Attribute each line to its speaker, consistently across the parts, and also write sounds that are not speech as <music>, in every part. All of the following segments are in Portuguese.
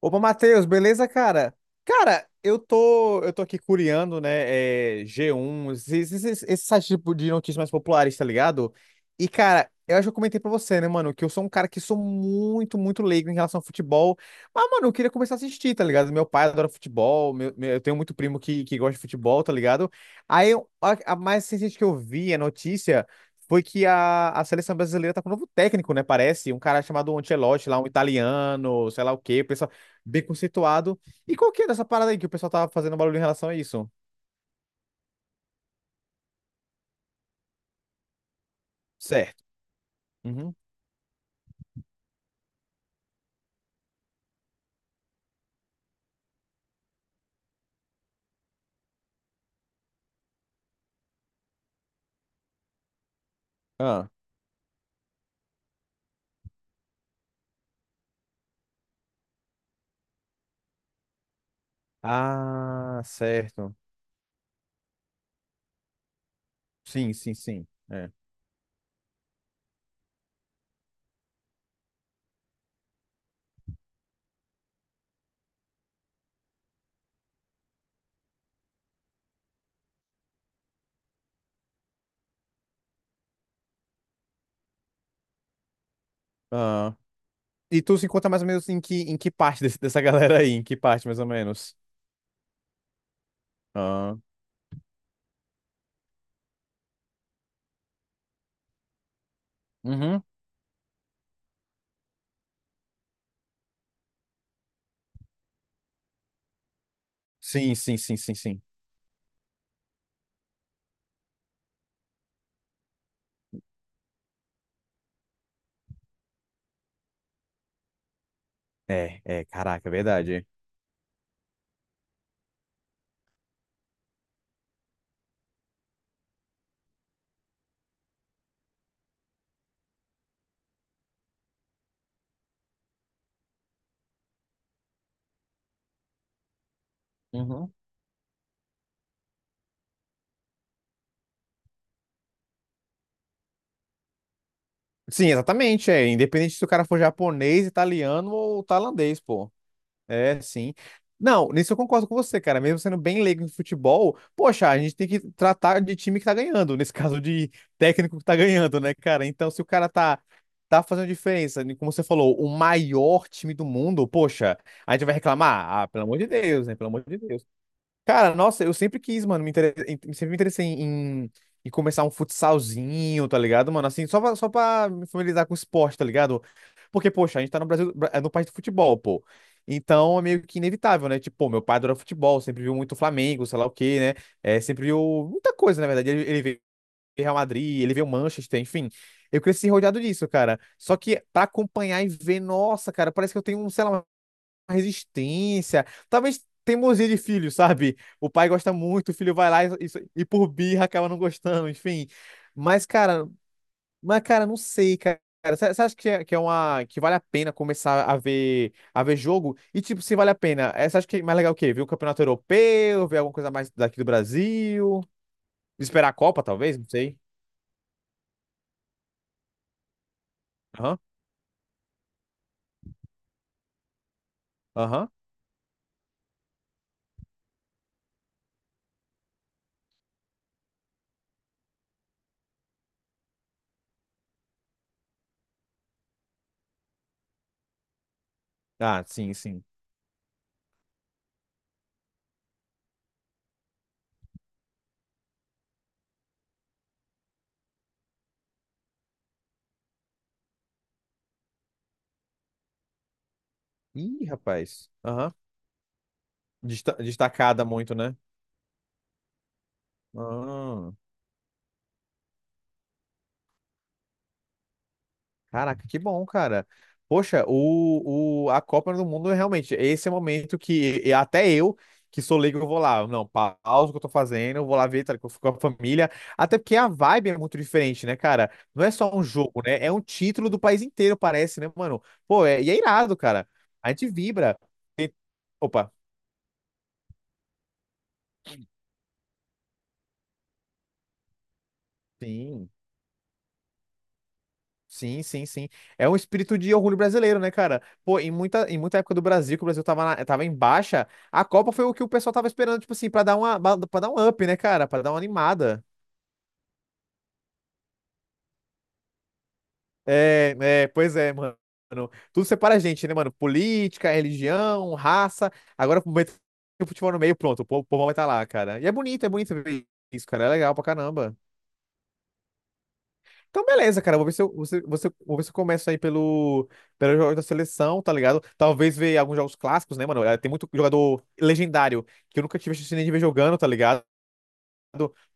Speaker 1: Opa, Matheus, beleza, cara? Cara, eu tô aqui curiando, né, G1, esses sites tipo de notícias mais populares, tá ligado? E, cara, eu acho que eu comentei pra você, né, mano, que eu sou um cara que sou muito, muito leigo em relação ao futebol. Mas, mano, eu queria começar a assistir, tá ligado? Meu pai adora futebol, eu tenho muito primo que gosta de futebol, tá ligado? Aí, a mais recente que eu vi, a notícia, foi que a seleção brasileira tá com um novo técnico, né, parece? Um cara chamado Ancelotti lá, um italiano, sei lá o quê, bem conceituado. E qual que é dessa parada aí que o pessoal tava fazendo barulho em relação a isso? Certo. Uhum. Ah. Ah, certo. Sim, sim, sim. É. Ah. E tu se encontra mais ou menos em que parte dessa <laughs> galera aí? Em que parte, mais ou menos? Ah. Uhum. Sim, sim, sim, sim, sim. É, é, caraca, é verdade. Uhum. Sim, exatamente, é. Independente se o cara for japonês, italiano ou tailandês, pô. É, sim. Não, nisso eu concordo com você, cara. Mesmo sendo bem leigo em futebol, poxa, a gente tem que tratar de time que tá ganhando, nesse <laughs> caso de técnico que tá ganhando, né, cara? Então, se o cara tá fazendo diferença, né, como você falou, o maior time do mundo, poxa, a gente vai reclamar? Ah, pelo amor de Deus, né? Pelo amor de Deus. Cara, nossa, eu sempre quis, mano, sempre me interessei em começar um futsalzinho, tá ligado, mano? Assim, só pra me familiarizar com o esporte, tá ligado? Porque, poxa, a gente tá no Brasil, é no país do futebol, pô. Então é meio que inevitável, né? Tipo, pô, meu pai adora futebol, sempre viu muito Flamengo, sei lá o quê, né? É, sempre viu muita coisa, na verdade. Ele vê Real Madrid, ele vê o Manchester, enfim. Eu cresci rodeado disso, cara. Só que pra acompanhar e ver, nossa, cara, parece que eu tenho, um, sei lá, uma resistência. Talvez teimosia de filho, sabe? O pai gosta muito, o filho vai lá e por birra acaba não gostando, enfim. Mas, cara, mas, cara, não sei, cara. Você acha que que é uma que vale a pena começar a ver jogo? E tipo, se vale a pena, você acha que é mais legal o quê? Ver o campeonato europeu, ver alguma coisa mais daqui do Brasil, esperar a Copa talvez, não sei. Aham. Aham. Ah, sim, sim. Ih, rapaz. Aham. Destacada muito, né? Ah. Caraca, que bom, cara. Poxa, a Copa do Mundo, realmente, esse é o momento que, e até eu, que sou leigo, eu vou lá. Não, pausa o que eu tô fazendo, eu vou lá ver, tá, que eu fico com a família. Até porque a vibe é muito diferente, né, cara? Não é só um jogo, né? É um título do país inteiro, parece, né, mano? Pô, é, e é irado, cara. A gente vibra. Tem- Opa. Sim. Sim, sim, sim. É um espírito de orgulho brasileiro, né, cara? Pô, em muita época do Brasil, que o Brasil tava, tava em baixa, a Copa foi o que o pessoal tava esperando, tipo assim, pra dar um up, né, cara? Pra dar uma animada. É, é, pois é, mano. Tudo separa a gente, né, mano? Política, religião, raça. Agora meter o futebol no meio, pronto, o povo vai estar lá, cara. E é bonito ver isso, cara. É legal pra caramba. Então, beleza, cara. Vou ver se eu começo aí pelo jogo da seleção, tá ligado? Talvez ver alguns jogos clássicos, né, mano? Tem muito jogador legendário que eu nunca tive a chance nem de ver jogando, tá ligado?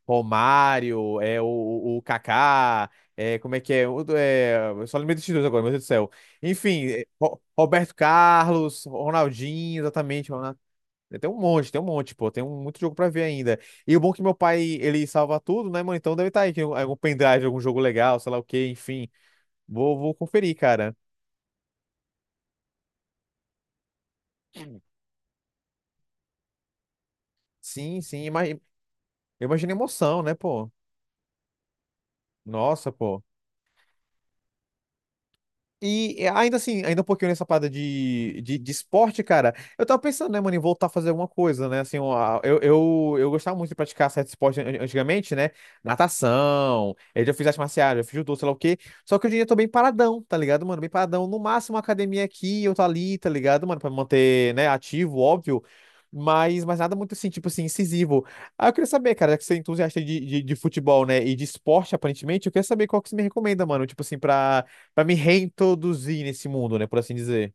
Speaker 1: Romário, o Kaká, é, como é que é? O é? Eu só lembrei desses dois agora, meu Deus do céu. Enfim, Roberto Carlos, Ronaldinho, exatamente. É, tem um monte, tem um monte, pô. Muito jogo pra ver ainda. E o bom é que meu pai, ele salva tudo, né, mano? Então deve estar aí, tem algum pendrive, algum jogo legal, sei lá o quê, enfim. Vou conferir, cara. Sim, sim. Imagina, imagina a emoção, né, pô? Nossa, pô. E é, ainda assim, ainda um pouquinho nessa parada de esporte, cara, eu tava pensando, né, mano, em voltar a fazer alguma coisa, né? Assim, ó, eu gostava muito de praticar certo esporte antigamente, né? Natação, eu já fiz arte marcial, já fiz judô, sei lá o quê. Só que hoje em dia eu tô bem paradão, tá ligado, mano? Bem paradão. No máximo, uma academia aqui, eu tô ali, tá ligado, mano? Pra me manter, né, ativo, óbvio. Mas nada muito assim, tipo assim, incisivo. Ah, eu queria saber, cara, já que você é entusiasta de futebol, né? E de esporte, aparentemente, eu queria saber qual que você me recomenda, mano. Tipo assim, pra. Pra me reintroduzir nesse mundo, né? Por assim dizer.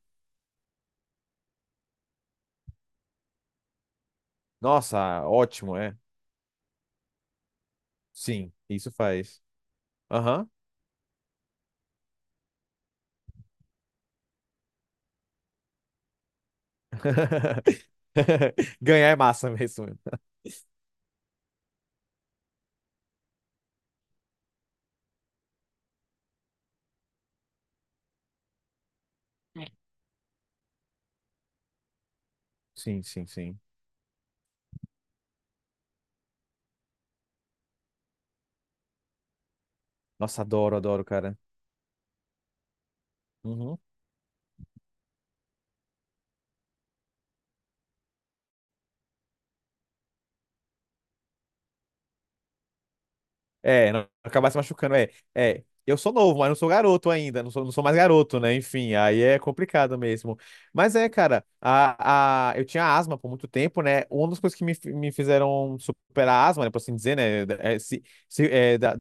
Speaker 1: Nossa, ótimo, é. Sim, isso faz. Aham. <laughs> Ganhar é massa mesmo. Sim, sim, sim. Nossa, adoro, adoro, cara. Uhum. É, não acabar se machucando. É, é. Eu sou novo, mas não sou garoto ainda. Não sou mais garoto, né? Enfim, aí é complicado mesmo. Mas é, cara, eu tinha asma por muito tempo, né? Uma das coisas que me fizeram superar a asma, né? Por assim dizer, né? É, se, é, da-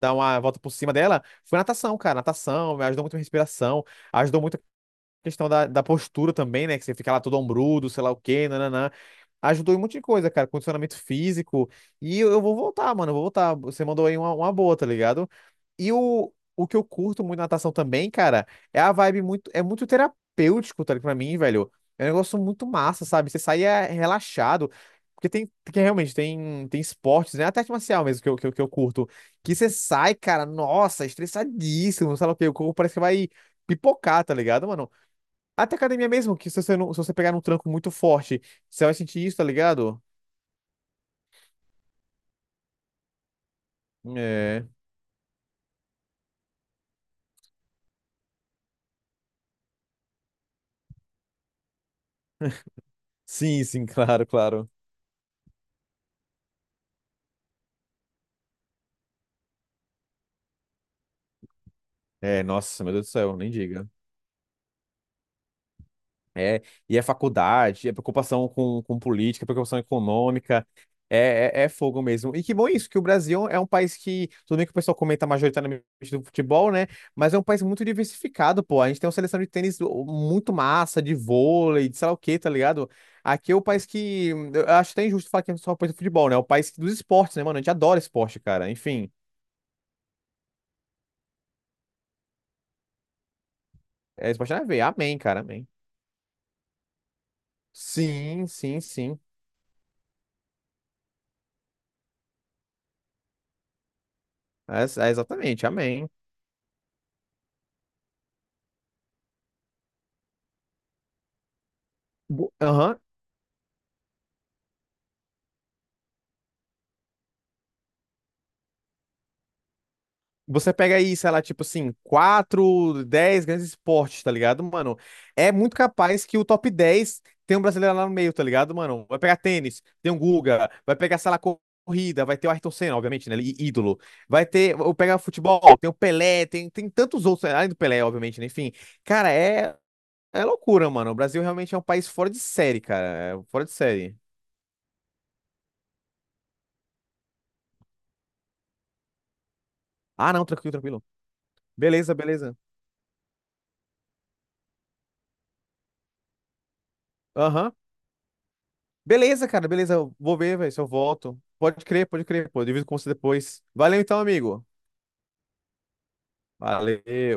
Speaker 1: dar uma volta por cima dela, foi natação, cara. Natação me ajudou muito a respiração, ajudou muito a questão da postura também, né? Que você fica lá todo ombrudo, sei lá o quê, nananã. Ajudou em um monte de coisa, cara. Condicionamento físico. E eu vou voltar, mano. Eu vou voltar. Você mandou aí uma boa, tá ligado? E o que eu curto muito na natação também, cara, é a vibe, muito, é muito terapêutico, tá ligado? Pra mim, velho. É um negócio muito massa, sabe? Você sai, é, relaxado. Porque realmente tem esportes, né? Até arte marcial mesmo, que eu curto. Que você sai, cara, nossa, estressadíssimo, sei lá o quê. O corpo parece que vai pipocar, tá ligado, mano? Até academia mesmo, que se você, não, se você pegar num tranco muito forte, você vai sentir isso, tá ligado? É. Sim, sim, <laughs> claro, claro. É, nossa, meu Deus do céu, nem diga. É, e é faculdade, é preocupação com política, é preocupação econômica, é fogo mesmo. E que bom isso, que o Brasil é um país que, tudo bem que o pessoal comenta majoritariamente do futebol, né? Mas é um país muito diversificado, pô. A gente tem uma seleção de tênis muito massa, de vôlei, de sei lá o quê, tá ligado? Aqui é o país que, eu acho até injusto falar que é só o país do futebol, né? É o país dos esportes, né, mano? A gente adora esporte, cara. Enfim, é esporte na veia. Amém, cara, amém. Sim, sim, sim. É, é exatamente, amém. Aham. Você pega aí, sei lá, tipo assim, quatro, 10 grandes esportes, tá ligado, mano? É muito capaz que o top 10 tem um brasileiro lá no meio, tá ligado, mano? Vai pegar tênis, tem um Guga, vai pegar, sei lá, corrida, vai ter o Ayrton Senna, obviamente, né? Ídolo. Vai ter, eu pegar futebol, tem o Pelé, tem tantos outros, além do Pelé, obviamente, né? Enfim, cara, é loucura, mano. O Brasil realmente é um país fora de série, cara. É fora de série. Ah, não, tranquilo, tranquilo. Beleza, beleza. Aham. Beleza, cara, beleza. Eu vou ver, velho, se eu volto. Pode crer, pô. Eu divido com você depois. Valeu então, amigo. Valeu.